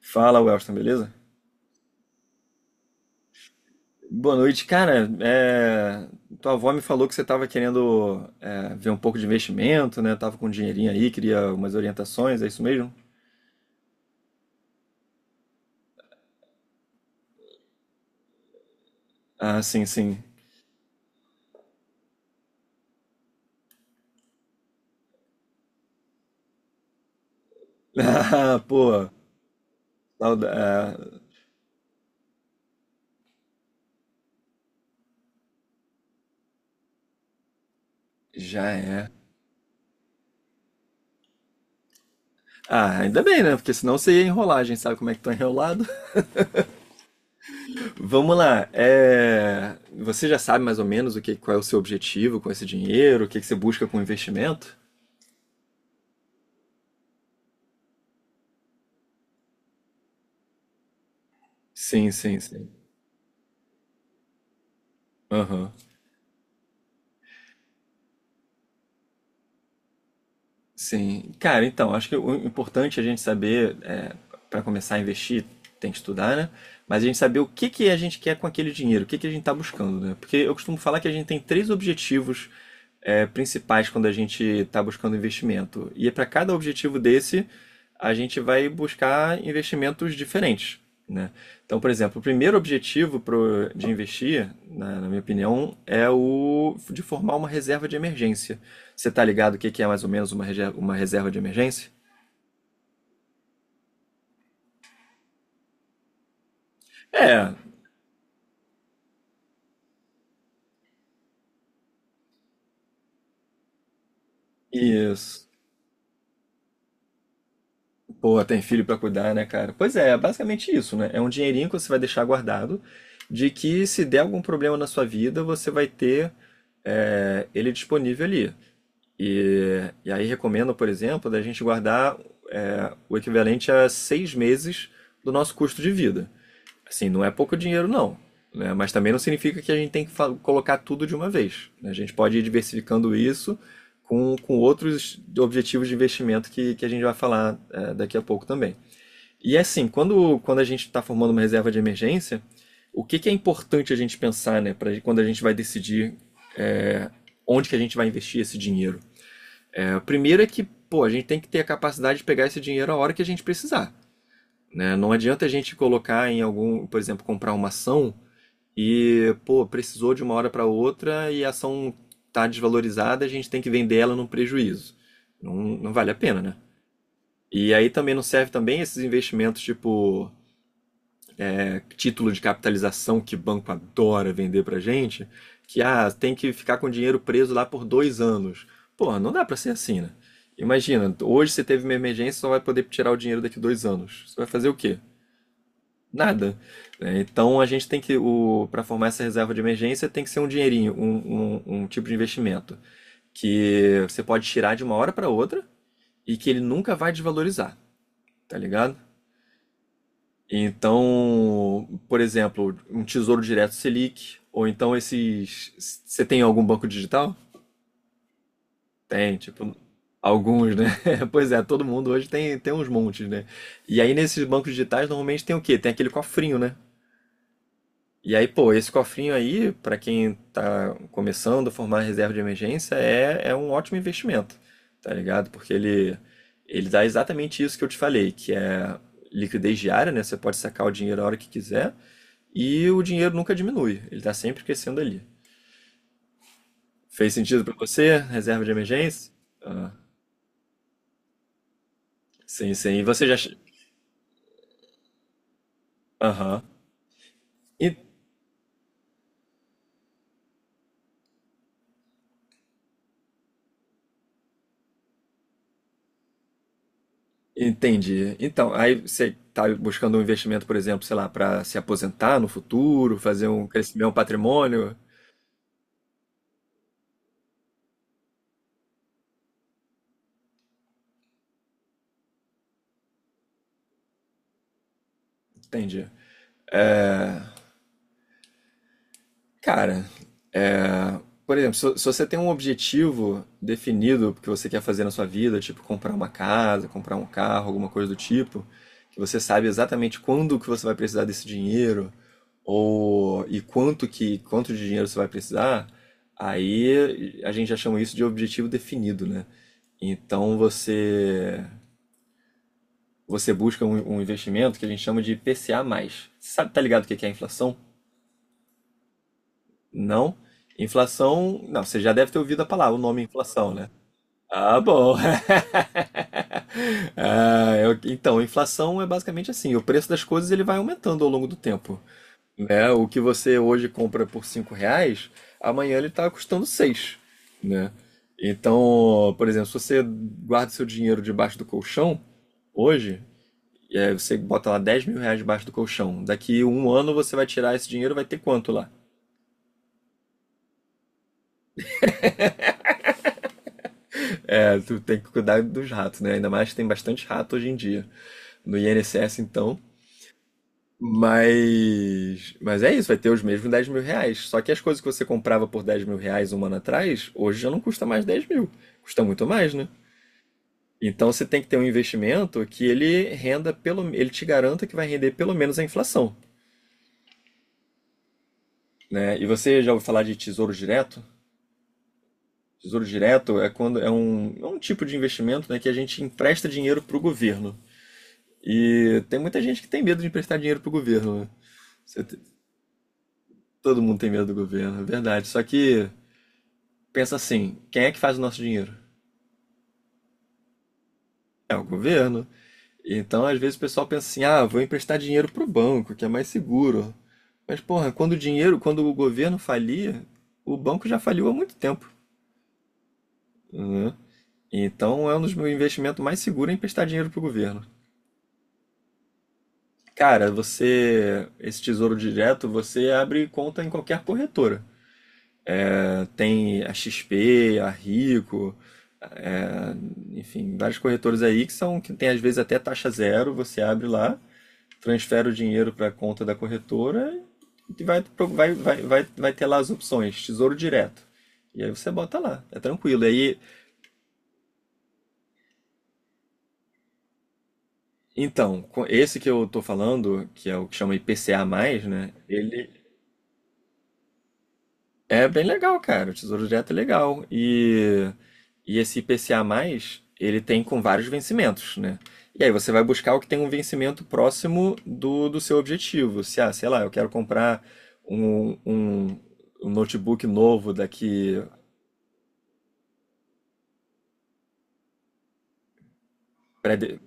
Fala, Welston, beleza? Boa noite, cara. Tua avó me falou que você estava querendo ver um pouco de investimento, né? Tava com um dinheirinho aí, queria umas orientações, é isso mesmo? Ah, sim, sim. Ah, pô, sauda- ah, já é. Ah, ainda bem, né? Porque senão você ia enrolar, a gente sabe como é que tá enrolado. Vamos lá. Você já sabe mais ou menos o qual é o seu objetivo com esse dinheiro, o que que você busca com o investimento? Sim, sim, sim. Aham. Sim, cara, então, acho que o importante é a gente saber, para começar a investir, tem que estudar, né? Mas a gente saber o que que a gente quer com aquele dinheiro, o que que a gente está buscando, né? Porque eu costumo falar que a gente tem três objetivos, principais quando a gente está buscando investimento. E para cada objetivo desse, a gente vai buscar investimentos diferentes, né? Então, por exemplo, o primeiro objetivo pro, de investir, na minha opinião, é o de formar uma reserva de emergência. Você tá ligado o que que é mais ou menos uma, uma reserva de emergência? É, isso. Pô, tem filho pra cuidar, né, cara? Pois é, é basicamente isso, né? É um dinheirinho que você vai deixar guardado, de que se der algum problema na sua vida, você vai ter ele disponível ali. E aí recomendo, por exemplo, da gente guardar o equivalente a 6 meses do nosso custo de vida. Assim, não é pouco dinheiro, não. Né? Mas também não significa que a gente tem que colocar tudo de uma vez. Né? A gente pode ir diversificando isso com outros objetivos de investimento que a gente vai falar daqui a pouco também. E é assim, quando a gente está formando uma reserva de emergência, o que é importante a gente pensar né, pra, quando a gente vai decidir eh, onde que a gente vai investir esse dinheiro? Primeiro é que pô, a gente tem que ter a capacidade de pegar esse dinheiro a hora que a gente precisar. Né? Não adianta a gente colocar em algum, por exemplo, comprar uma ação e, pô, precisou de uma hora para outra e a ação tá desvalorizada, a gente tem que vender ela num prejuízo. Não, não vale a pena, né? E aí também não serve também esses investimentos tipo título de capitalização que banco adora vender pra gente, que ah, tem que ficar com o dinheiro preso lá por 2 anos. Pô, não dá pra ser assim, né? Imagina, hoje você teve uma emergência, e só vai poder tirar o dinheiro daqui 2 anos. Você vai fazer o quê? Nada. Né? Então a gente tem que, o, para formar essa reserva de emergência, tem que ser um dinheirinho, um tipo de investimento que você pode tirar de uma hora para outra e que ele nunca vai desvalorizar, tá ligado? Então, por exemplo, um tesouro direto Selic, ou então esses. Você tem algum banco digital? Tem, tipo, alguns, né? Pois é, todo mundo hoje tem, tem uns montes, né? E aí nesses bancos digitais normalmente tem o quê? Tem aquele cofrinho, né? E aí, pô, esse cofrinho aí, para quem tá começando a formar reserva de emergência, é um ótimo investimento, tá ligado? Porque ele dá exatamente isso que eu te falei, que é liquidez diária, né? Você pode sacar o dinheiro a hora que quiser e o dinheiro nunca diminui, ele tá sempre crescendo ali. Fez sentido para você, reserva de emergência? Ah, sim, sim. E você já. Aham. Entendi. Então, aí você está buscando um investimento, por exemplo, sei lá, para se aposentar no futuro, fazer um crescimento, um patrimônio. Entendi. É, Cara, é, por exemplo, se você tem um objetivo definido que você quer fazer na sua vida, tipo comprar uma casa, comprar um carro, alguma coisa do tipo, que você sabe exatamente quando que você vai precisar desse dinheiro, ou e quanto que quanto de dinheiro você vai precisar, aí a gente já chama isso de objetivo definido, né? Então você busca um investimento que a gente chama de PCA+. Você sabe, tá ligado o que que é a inflação? Não? Inflação. Não, você já deve ter ouvido a palavra, o nome é inflação, né? Ah, bom. Então, inflação é basicamente assim, o preço das coisas ele vai aumentando ao longo do tempo, né? O que você hoje compra por 5 reais, amanhã ele está custando 6, né? Então, por exemplo, se você guarda seu dinheiro debaixo do colchão, hoje, e aí você bota lá 10.000 reais debaixo do colchão, daqui um ano você vai tirar esse dinheiro, vai ter quanto lá? É, tu tem que cuidar dos ratos, né? Ainda mais que tem bastante rato hoje em dia no INSS, então. Mas é isso, vai ter os mesmos 10.000 reais. Só que as coisas que você comprava por 10.000 reais um ano atrás, hoje já não custa mais 10.000. Custa muito mais, né? Então você tem que ter um investimento que ele renda pelo, ele te garanta que vai render pelo menos a inflação, né? E você já ouviu falar de tesouro direto? Tesouro direto é quando é um tipo de investimento, né, que a gente empresta dinheiro para o governo. E tem muita gente que tem medo de emprestar dinheiro pro governo. Né? Você te- Todo mundo tem medo do governo, é verdade. Só que pensa assim, quem é que faz o nosso dinheiro? É o governo. Então, às vezes o pessoal pensa assim: "Ah, vou emprestar dinheiro pro banco, que é mais seguro". Mas porra, quando o governo falia, o banco já faliu há muito tempo, né? Então, é um dos meus investimentos mais seguros é emprestar dinheiro pro governo. Cara, você, esse Tesouro Direto, você abre conta em qualquer corretora. Tem a XP, a Rico, é, enfim, vários corretores aí que são que tem às vezes até taxa zero, você abre lá, transfere o dinheiro para a conta da corretora e vai, vai ter lá as opções, tesouro direto. E aí você bota lá, é tranquilo. E aí, então, esse que eu tô falando, que é o que chama IPCA+, né? Ele, é bem legal, cara. O Tesouro Direto é legal. E esse IPCA+, ele tem com vários vencimentos, né? E aí você vai buscar o que tem um vencimento próximo do seu objetivo. Se, ah, sei lá, eu quero comprar um, um, um notebook novo daqui pré-de-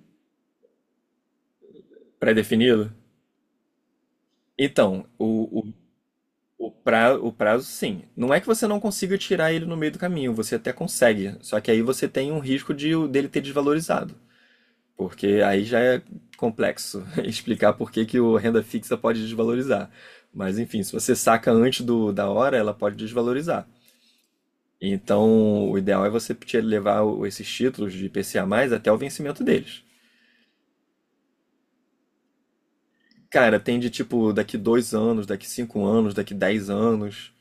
pré-definido. Então, pra, o prazo, sim. Não é que você não consiga tirar ele no meio do caminho, você até consegue. Só que aí você tem um risco de dele ter desvalorizado. Porque aí já é complexo explicar por que que o renda fixa pode desvalorizar. Mas enfim, se você saca antes da hora, ela pode desvalorizar. Então, o ideal é você levar esses títulos de IPCA até o vencimento deles. Cara, tem de tipo daqui 2 anos, daqui 5 anos, daqui 10 anos.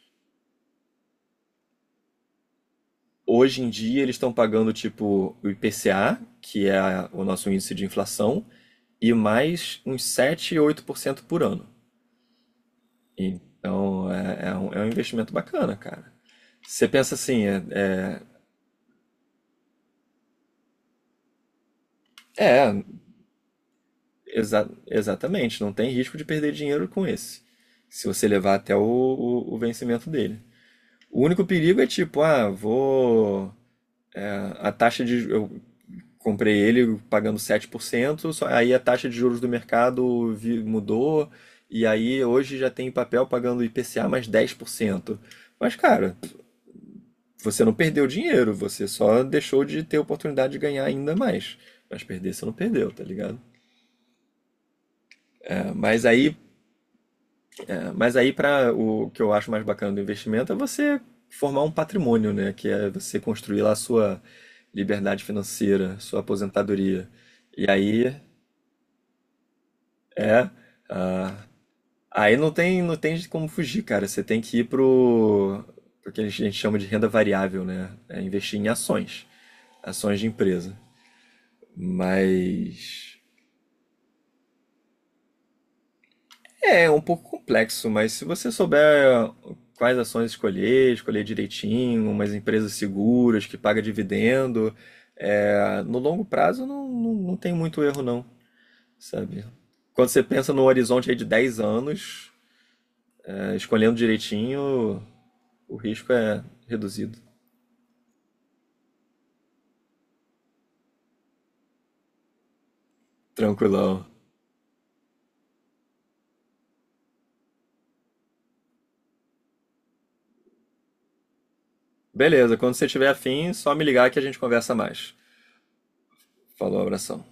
Hoje em dia eles estão pagando tipo o IPCA, que é o nosso índice de inflação, e mais uns sete e oito por cento por ano. Então é, é um investimento bacana, cara. Você pensa assim, é, é, é, exatamente, não tem risco de perder dinheiro com esse, se você levar até o vencimento dele. O único perigo é tipo, ah, vou. A taxa de. Eu comprei ele pagando 7%, só, aí a taxa de juros do mercado mudou, e aí hoje já tem papel pagando IPCA mais 10%. Mas, cara, você não perdeu dinheiro, você só deixou de ter oportunidade de ganhar ainda mais. Mas perder você não perdeu, tá ligado? É, mas aí, é, mas aí para o que eu acho mais bacana do investimento é você formar um patrimônio, né? Que é você construir lá a sua liberdade financeira, sua aposentadoria. E aí é, ah, aí não tem, não tem como fugir, cara. Você tem que ir pro, pro que a gente chama de renda variável, né? É investir em ações, ações de empresa. Mas é, é um pouco complexo, mas se você souber quais ações escolher, escolher direitinho, umas empresas seguras que paga dividendo, é, no longo prazo não, não, não tem muito erro não, sabe? Quando você pensa no horizonte aí de 10 anos, é, escolhendo direitinho, o risco é reduzido. Tranquilão. Beleza, quando você tiver afim, só me ligar que a gente conversa mais. Falou, abração.